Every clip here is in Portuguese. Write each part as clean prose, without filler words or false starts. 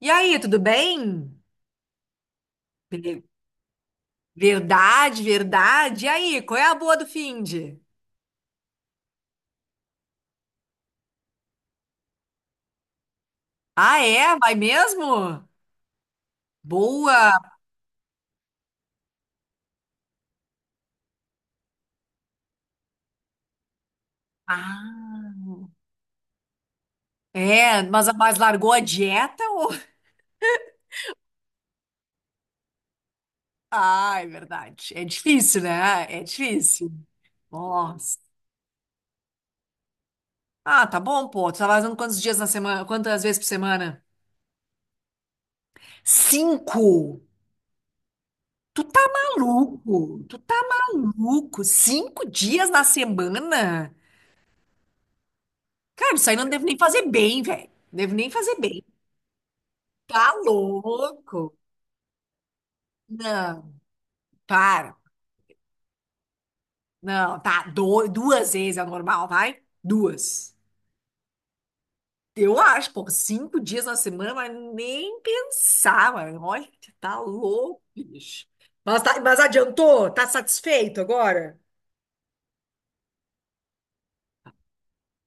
E aí, tudo bem? Bele- Verdade, verdade. E aí, qual é a boa do finde? Ah, é? Vai mesmo? Boa. Ah, é, mas largou a dieta ou... Ah, é verdade. É difícil, né? É difícil. Nossa. Ah, tá bom, pô. Tu tá fazendo quantos dias na semana? Quantas vezes por semana? Cinco. Tu tá maluco? Tu tá maluco? 5 dias na semana? Cara, isso aí não devo nem fazer bem, velho. Devo nem fazer bem. Tá louco? Não, para. Não, tá. Duas vezes é o normal, vai? Duas. Eu acho, pô, 5 dias na semana, mas nem pensar, mano. Olha, tá louco, bicho. Mas, mas adiantou? Tá satisfeito agora?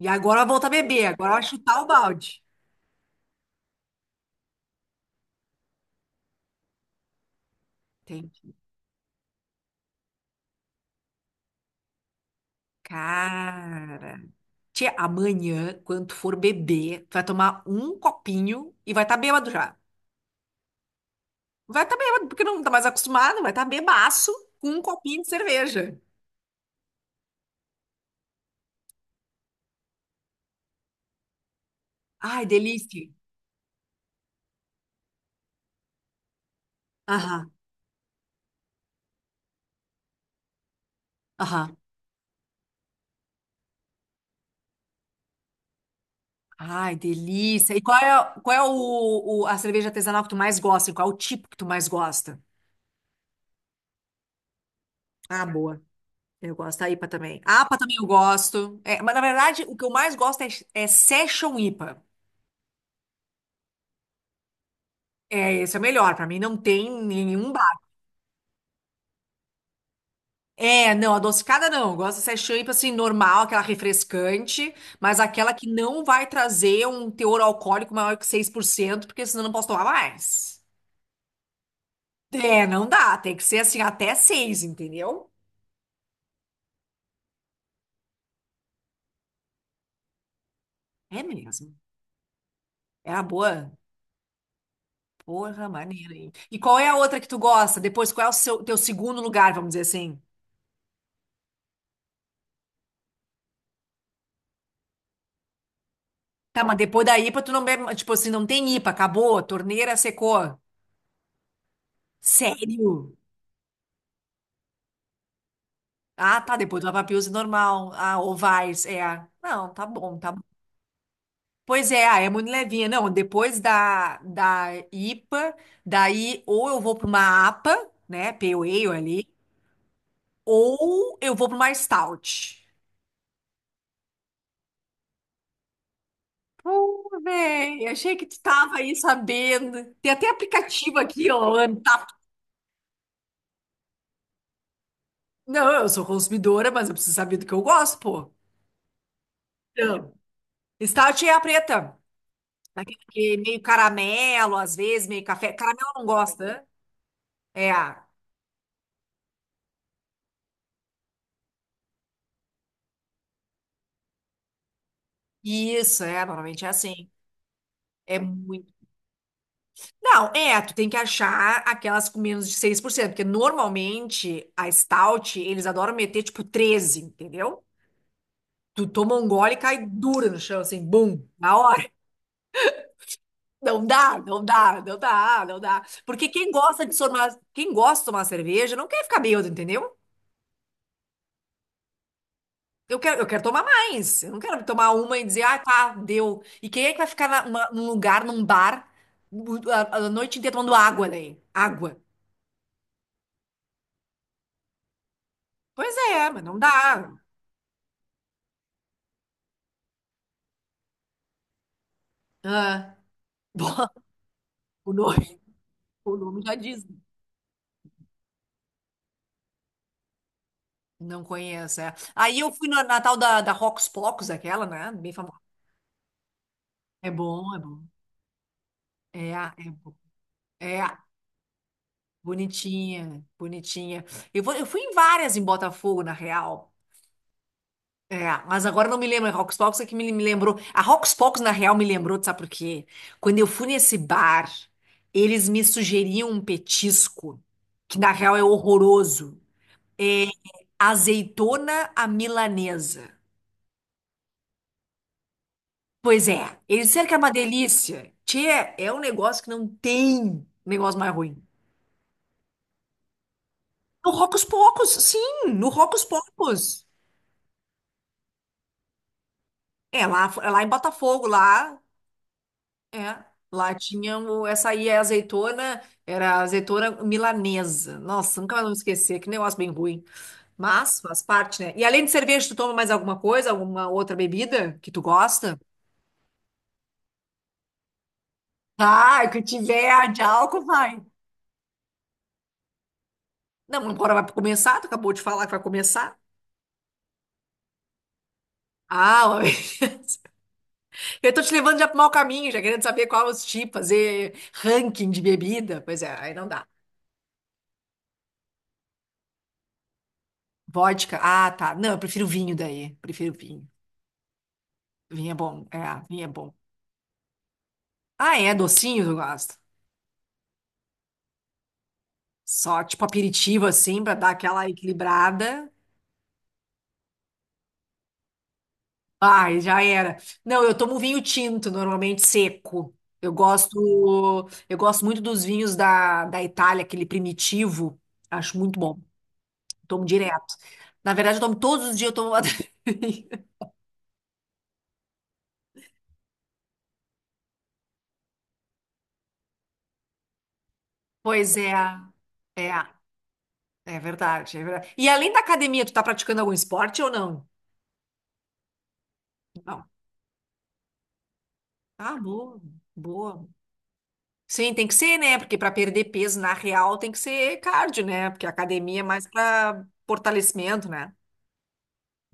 E agora volta a beber, agora vai chutar o balde. Entendi. Cara. Tia, amanhã, quando tu for beber, tu vai tomar um copinho e vai estar tá bêbado já. Vai estar tá bêbado, porque não tá mais acostumado, vai estar tá bebaço com um copinho de cerveja. Ai, delícia. Aham, aham. Ai, delícia. E qual é a cerveja artesanal que tu mais gosta? Qual é o tipo que tu mais gosta? Ah, boa. Eu gosto da IPA também. A APA também eu gosto. É, mas, na verdade, o que eu mais gosto é Session IPA. É, esse é o melhor. Pra mim, não tem nenhum. É, não, adocicada não. Eu gosto dessa champanhe, tipo assim, normal, aquela refrescante, mas aquela que não vai trazer um teor alcoólico maior que 6%, porque senão eu não posso tomar mais. É, não dá. Tem que ser assim, até 6, entendeu? É mesmo. É a boa. Porra, maneira, hein? E qual é a outra que tu gosta? Depois, qual é o teu segundo lugar, vamos dizer assim? Tá, mas depois da IPA, tu não bebe. Tipo assim, não tem IPA, acabou, a acabou, torneira secou. Sério? Ah, tá, depois do lava-pills normal. Ah, ovais Vars, é. Não, tá bom, tá bom. Pois é, ah, é muito levinha. Não, depois da IPA, daí ou eu vou para uma APA, né, Pale Ale ali, ou eu vou para uma Stout. Pô, Véi, achei que tu tava aí sabendo. Tem até aplicativo aqui, ó. Tá. Não, eu sou consumidora, mas eu preciso saber do que eu gosto, pô. Então, Stout é a preta. Aquele que é meio caramelo, às vezes, meio café. Caramelo eu não gosta, né? É. Isso, é, normalmente é assim. É muito. Não, é, tu tem que achar aquelas com menos de 6% porque normalmente a stout, eles adoram meter tipo treze, entendeu? Tu toma um gole e cai dura no chão, assim, bum, na hora. Não dá, não dá, não dá, não dá. Porque quem gosta de tomar, quem gosta de tomar cerveja não quer ficar bêbado, entendeu? Eu quero tomar mais. Eu não quero tomar uma e dizer, ah, tá, deu. E quem é que vai ficar num lugar, num bar, a noite inteira tomando água daí? Água. Pois é, mas não dá. Ah, bom, O nome, o nome já diz. Não conheço, é. Aí eu fui na tal da Rocos Pocos, aquela, né? Bem famosa. É bom, é bom. É, é bom. É, bonitinha, bonitinha. Eu fui em várias em Botafogo, na real. É, mas agora eu não me lembro. A Rocos Pocos é que me lembrou. A Rocos Pocos, na real, me lembrou, tu sabe por quê? Quando eu fui nesse bar, eles me sugeriam um petisco, que na real é horroroso. É, azeitona à milanesa. Pois é, eles disseram que é uma delícia. Tchê, é um negócio que não tem negócio mais ruim. No Rocos Pocos, sim, no Rocos Pocos. É lá em Botafogo, lá, é, lá tinha essa aí, é azeitona, era azeitona milanesa. Nossa, nunca mais vou esquecer, que negócio bem ruim. Mas faz parte, né? E além de cerveja, tu toma mais alguma coisa, alguma outra bebida que tu gosta? Ah, o que tiver de álcool, vai. Não, agora vai começar, tu acabou de falar que vai começar. Ah, eu tô te levando já pro mau caminho, já querendo saber qual os tipos, fazer ranking de bebida. Pois é, aí não dá. Vodka, ah, tá. Não, eu prefiro vinho daí, prefiro vinho. Vinho é bom, é, vinho é bom. Ah, é, docinho eu gosto. Só tipo aperitivo assim, pra dar aquela equilibrada. Ai, já era. Não, eu tomo vinho tinto, normalmente seco. Eu gosto muito dos vinhos da Itália, aquele primitivo. Acho muito bom. Tomo direto. Na verdade, eu tomo todos os dias, eu tomo uma tampinha. Pois é, é, é verdade, é verdade. E além da academia, tu tá praticando algum esporte ou não? Não. Ah, boa, boa. Sim, tem que ser, né? Porque para perder peso na real tem que ser cardio, né? Porque a academia é mais para fortalecimento, né?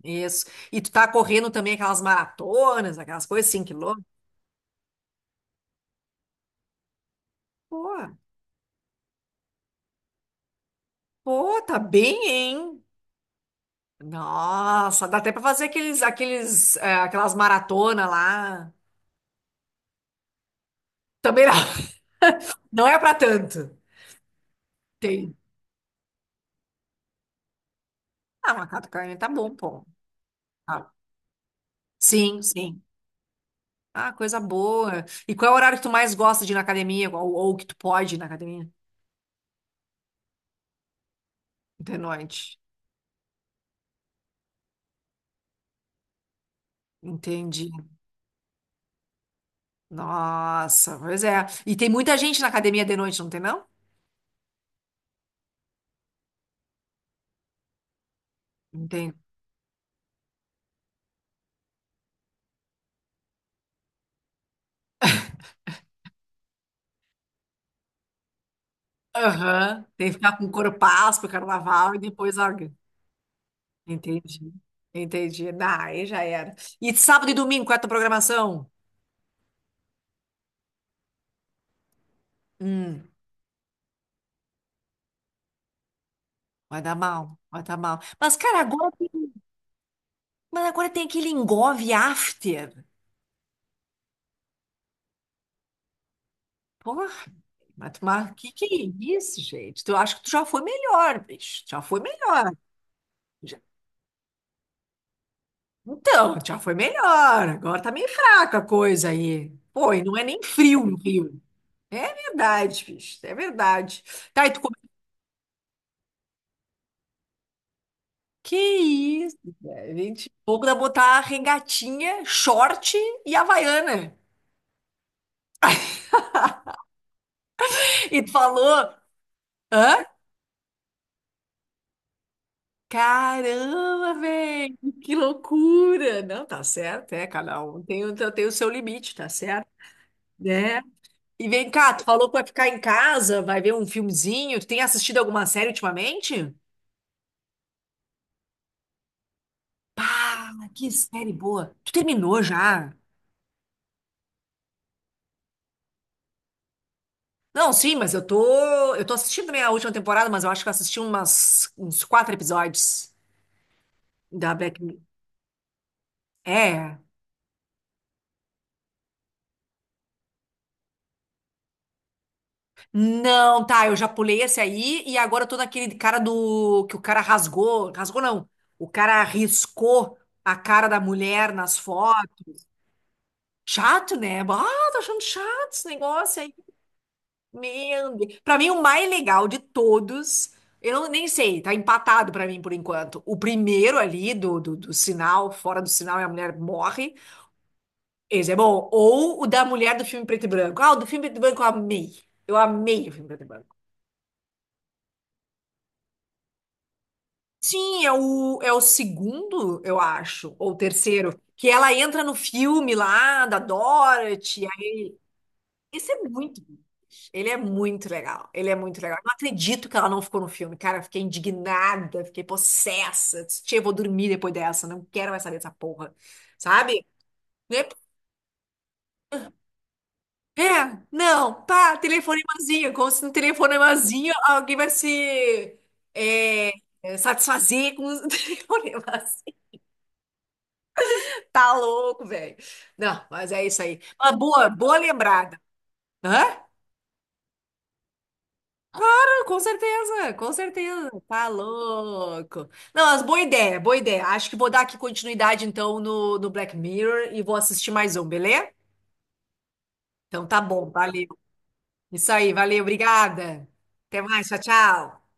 Isso. E tu tá correndo também aquelas maratonas, aquelas coisas, 5 km. Pô, pô, tá bem, hein? Nossa, dá até pra fazer aquelas maratonas lá. Também não. Não é pra tanto. Tem. Ah, uma catupiry tá bom, pô. Ah, sim, sim. Ah, coisa boa. E qual é o horário que tu mais gosta de ir na academia? Ou que tu pode ir na academia? De noite. Entendi. Nossa, pois é. E tem muita gente na academia de noite, não tem, não? Entendi. Aham. Tem que ficar com corpaço pro carnaval e depois larga. Entendi. Entendi. Ah, aí já era. E sábado e domingo, qual é a tua programação? Hum, Vai dar mal. Vai dar mal. Mas, cara, agora. Mas agora tem aquele engove after. Porra, mas o que que é isso, gente? Tu acho que tu já foi melhor, bicho. Já foi melhor. Já- Então, já foi melhor. Agora tá meio fraca a coisa aí. Pô, e não é nem frio no Rio. É verdade, bicho. É verdade. Tá, e tu come... Que isso, velho. Gente, pouco dá botar regatinha, short e havaiana. E tu falou. Hã? Caramba, velho, que loucura! Não, tá certo, é, cada um tem, tem o seu limite, tá certo? É. E vem cá, tu falou que vai ficar em casa, vai ver um filmezinho. Tu tem assistido alguma série ultimamente? Pá, que série boa. Tu terminou já? Não, sim, mas eu tô, assistindo também a última temporada, mas eu acho que eu assisti uns quatro episódios da Black Mirror. É. Não, tá, eu já pulei esse aí e agora eu tô naquele cara do que o cara rasgou, rasgou não. O cara riscou a cara da mulher nas fotos. Chato, né? Ah, tô achando chato esse negócio aí. Meu Deus. Pra mim o mais legal de todos, eu não, nem sei, tá empatado pra mim por enquanto. O primeiro ali do, sinal, fora do sinal e a mulher morre. Esse é bom. Ou o da mulher do filme preto e branco. Ah, o do filme preto e branco eu amei. Eu amei o filme preto e branco. Sim, é o segundo, eu acho, ou o terceiro, que ela entra no filme lá da Dorothy. Esse é muito, ele é muito legal, ele é muito legal. Eu não acredito que ela não ficou no filme, cara, eu fiquei indignada, fiquei possessa. Disse, Tia, eu vou dormir depois dessa, não quero mais saber dessa porra, sabe? Né? É, não, pá, telefonemazinho, como se no telefonemazinho alguém vai se é, satisfazer com os telefonemazinhos. Tá louco, velho. Não, mas é isso aí. Uma boa, boa lembrada. Hã? Ah, com certeza, com certeza. Tá louco. Não, mas boa ideia, boa ideia. Acho que vou dar aqui continuidade, então, no, Black Mirror e vou assistir mais um, beleza? Então tá bom, valeu. Isso aí, valeu, obrigada. Até mais, tchau, tchau.